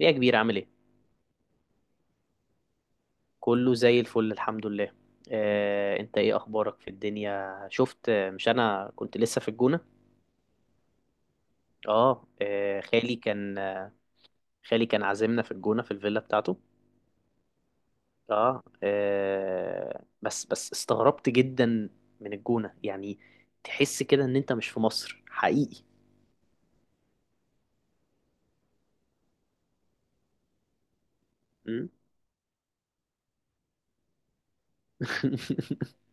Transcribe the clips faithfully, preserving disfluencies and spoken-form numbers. ايه يا كبير، عامل ايه؟ كله زي الفل، الحمد لله. آه، انت ايه اخبارك في الدنيا؟ شفت آه، مش انا كنت لسه في الجونة. اه آه، خالي كان آه، خالي كان عازمنا في الجونة في الفيلا بتاعته. اه آه، بس بس استغربت جدا من الجونة يعني، تحس كده ان انت مش في مصر حقيقي. م؟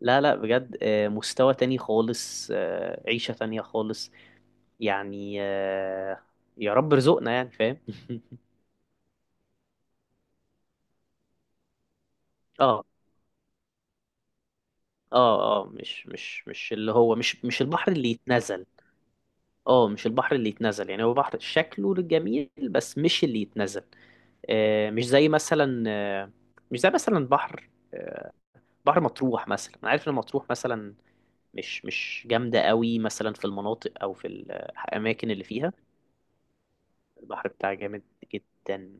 لا، لا، بجد آه، مستوى تاني خالص، آه، عيشة تانية خالص. يعني آه، يا رب رزقنا يعني، فاهم؟ اه، اه، اه، مش مش مش اللي هو مش مش البحر اللي يتنزل. اه، مش البحر اللي يتنزل، يعني هو بحر شكله جميل بس مش اللي يتنزل. آه مش زي مثلا آه مش زي مثلا بحر آه بحر مطروح مثلا. انا عارف ان مطروح مثلا مش مش جامده قوي مثلا في المناطق او في الاماكن اللي فيها. البحر بتاعها جامد جدا،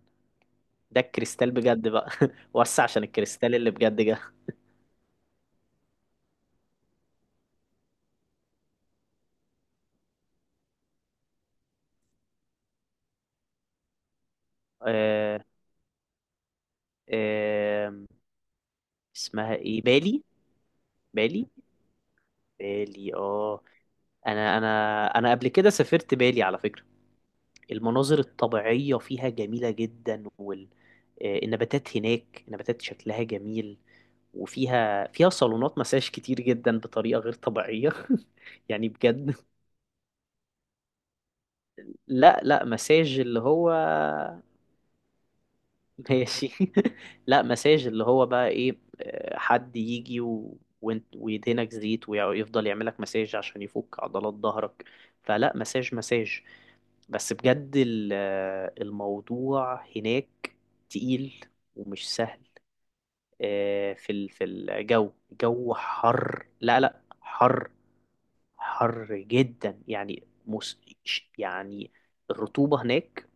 ده الكريستال بجد بقى. وسع عشان الكريستال اللي بجد جه. آه آه اسمها ايه، بالي؟ بالي، بالي، اه. انا انا انا قبل كده سافرت بالي على فكرة. المناظر الطبيعية فيها جميلة جدا والنباتات هناك نباتات شكلها جميل. وفيها فيها صالونات مساج كتير جدا بطريقة غير طبيعية. يعني بجد. لا، لا، مساج اللي هو. ماشي. لا، مساج اللي هو بقى ايه، آه، حد يجي و... وانت ويدهنك زيت ويفضل يعملك مساج عشان يفك عضلات ظهرك. فلا مساج مساج، بس بجد ال- آه، الموضوع هناك تقيل ومش سهل. آه، في ال- في الجو. جو حر، لا، لا، حر، حر جدا، يعني مس ش- يعني الرطوبة هناك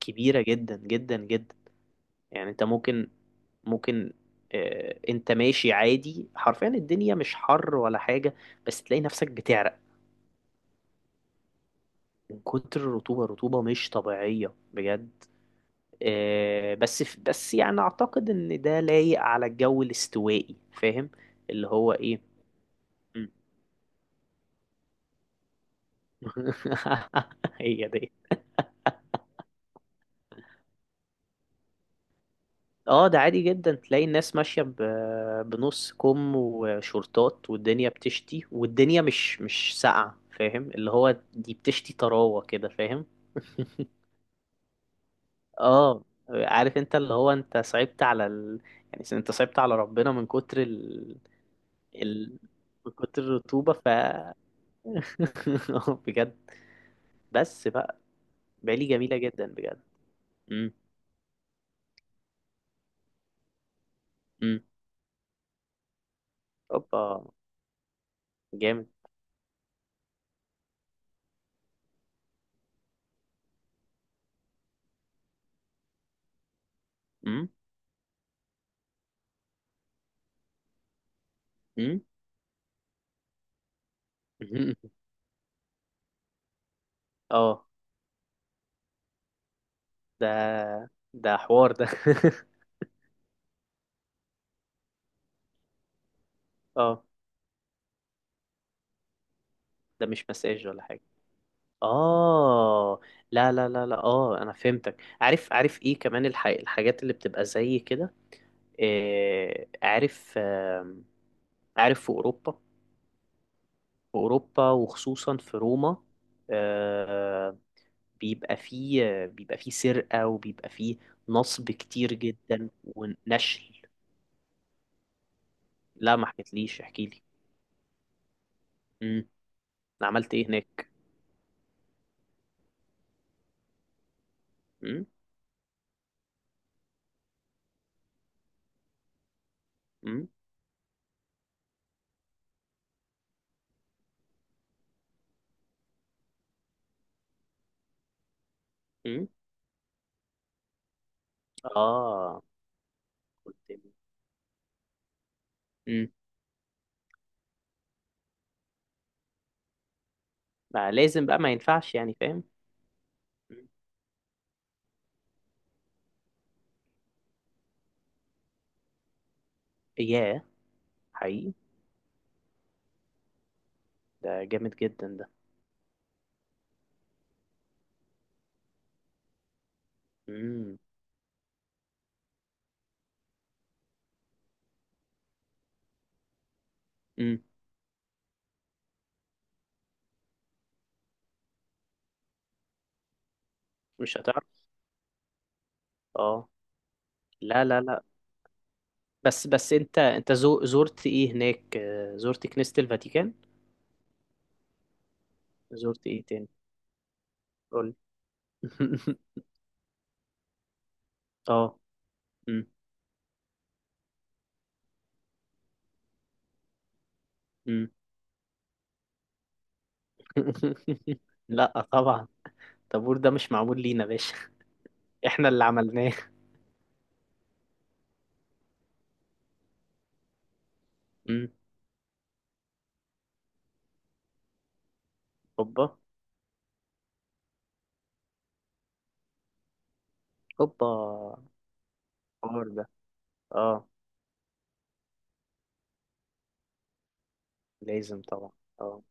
كبيرة جدا جدا جدا. يعني انت ممكن ممكن آه، انت ماشي عادي، حرفيا الدنيا مش حر ولا حاجة بس تلاقي نفسك بتعرق من كتر الرطوبة. الرطوبة مش طبيعية بجد. آه، بس ف- بس يعني اعتقد ان ده لايق على الجو الاستوائي، فاهم؟ اللي هو ايه. مم. هي دي. اه، ده عادي جدا، تلاقي الناس ماشية ب- بنص كم وشورتات والدنيا بتشتي والدنيا مش مش ساقعة، فاهم؟ اللي هو دي بتشتي طراوة كده، فاهم؟ اه، عارف انت اللي هو انت صعبت على ال... يعني انت صعبت على ربنا من كتر ال... ال... من كتر الرطوبة. بجد. بس بقى بالي جميلة جدا بجد. مم. مم. اوبا، جامد. مم. مم. مم. اه. ده ده حوار ده. اه، ده مش مساج ولا حاجة. اه. لا، لا، لا، لا، اه، انا فهمتك. عارف، عارف ايه كمان الح... الحاجات اللي بتبقى زي كده. آه عارف، آه عارف. في اوروبا، في اوروبا وخصوصا في روما، آه، بيبقى فيه بيبقى فيه سرقة وبيبقى فيه نصب كتير جدا ونشل. لا، ما حكيتليش، احكي لي. امم. عملت ايه هناك؟ امم. امم. امم. اه، قلت لي. امم. ما لازم بقى، ما ينفعش يعني، فاهم؟ مم. ياه، حقيقي، ده جامد جدا ده. امم. امم. مش هتعرف. اه. لا، لا، لا، بس بس انت انت زو زرت ايه هناك؟ آه، زرت كنيسة الفاتيكان. زرت ايه تاني؟ قول. اه. امم. امم. لا، طبعا الطابور ده مش معمول لينا يا باشا. احنا اللي عملناه. مم. هوبا، هوبا. الحوار ده. اه، لازم طبعا. اه،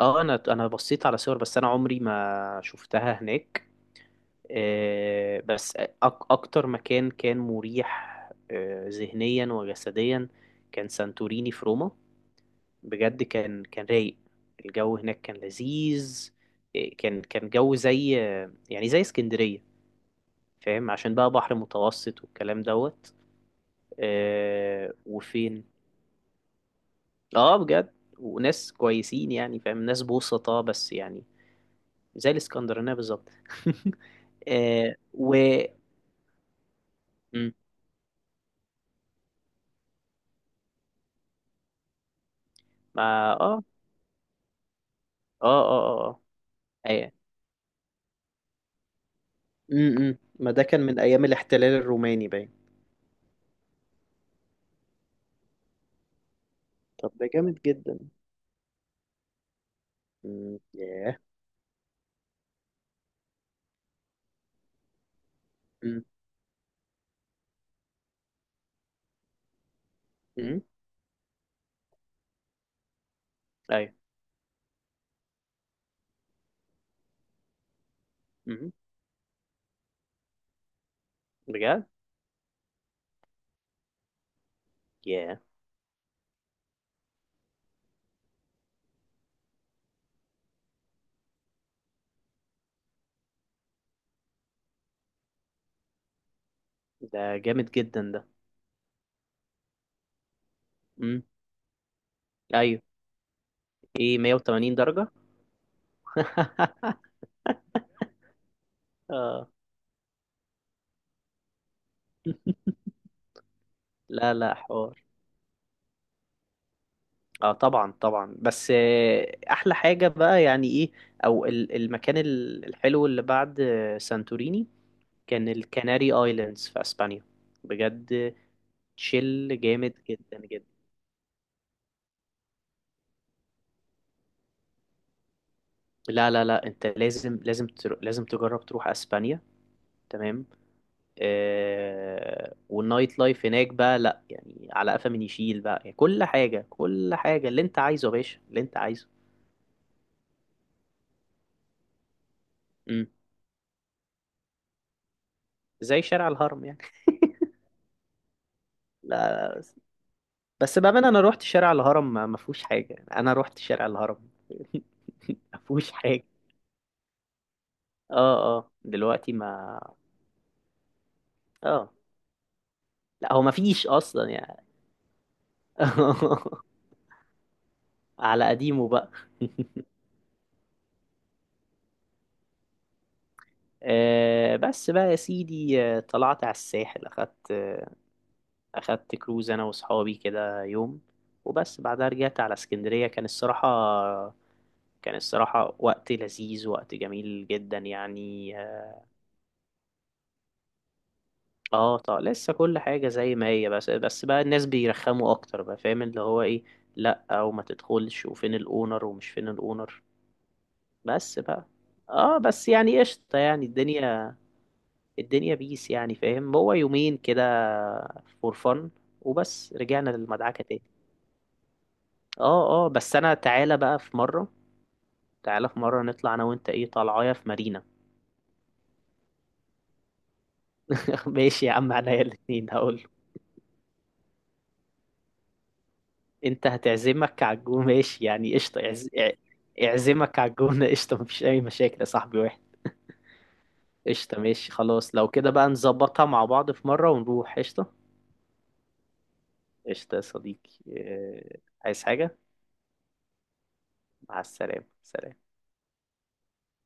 اه. انا انا بصيت على صور بس انا عمري ما شفتها هناك. آه بس أك اكتر مكان كان مريح، آه ذهنيا وجسديا، كان سانتوريني في روما. بجد، كان كان رايق. الجو هناك كان لذيذ، آه، كان كان جو زي، يعني زي اسكندرية، فاهم، عشان بقى بحر متوسط والكلام دوت. آه وفين؟ اه، بجد وناس كويسين يعني فاهم، ناس بوسطاء بس يعني، زي الاسكندرانية بالظبط. آه و م. ما، اه، اه، اه، اه، اه. أي- م- م. ما ده كان من ايام الاحتلال الروماني باين. طب ده جامد جدا. م. ياه. م. م. ايوه. م. بجد. ياه، ده جامد جدا ده. م. ايوه. ايه؟ مية وتمانين درجة. اه. لا، لا، حوار. اه، طبعا، طبعا. بس آه، احلى حاجة بقى يعني ايه، او ال- المكان ال- الحلو اللي بعد آه، سانتوريني، كان الكناري ايلاندز في اسبانيا. بجد، تشيل جامد جدا جدا. لا، لا، لا، انت لازم، لازم تر... لازم تجرب تروح اسبانيا. تمام. آه... والنايت لايف هناك بقى لا يعني، على قفا من يشيل بقى، يعني كل حاجة، كل حاجة اللي انت عايزه يا باشا، اللي انت عايزه. امم. زي شارع الهرم يعني. لا، بس بأمانة أنا روحت شارع الهرم، ما ما فيهوش حاجة يعني، أنا روحت شارع الهرم. ما فيهوش حاجة. اه، اه، دلوقتي ما، اه، لا هو ما فيش أصلا يعني. على قديمه بقى. آه بس بقى يا سيدي، آه، طلعت على الساحل، أخدت آه، أخدت كروز أنا وأصحابي كده يوم، وبس بعدها رجعت على اسكندرية. كان الصراحة كان الصراحة وقت لذيذ، وقت جميل جدا يعني. اه، طب لسه كل حاجة زي ما هي، بس بس بقى الناس بيرخموا اكتر بقى، فاهم اللي هو ايه. لا، او ما تدخلش، وفين الاونر ومش فين الاونر. بس بقى. اه، بس يعني قشطة، يعني الدنيا الدنيا بيس يعني، فاهم، هو يومين كده، فور فن، وبس رجعنا للمدعكة تاني. اه، اه، بس انا تعالى بقى في مرة، تعالى في مرة نطلع انا وانت، ايه طالعايا في مارينا. ماشي يا عم، عليا الاتنين هقول. انت هتعزمك على الجو ماشي، يعني قشطة، اعز... اع- اعزمك على الجونة. قشطة، مفيش أي مشاكل يا صاحبي واحد. قشطة، ماشي خلاص، لو كده بقى نظبطها مع بعض في مرة ونروح، قشطة. قشطة يا صديقي. آه، عايز حاجة؟ مع السلامة، سلام.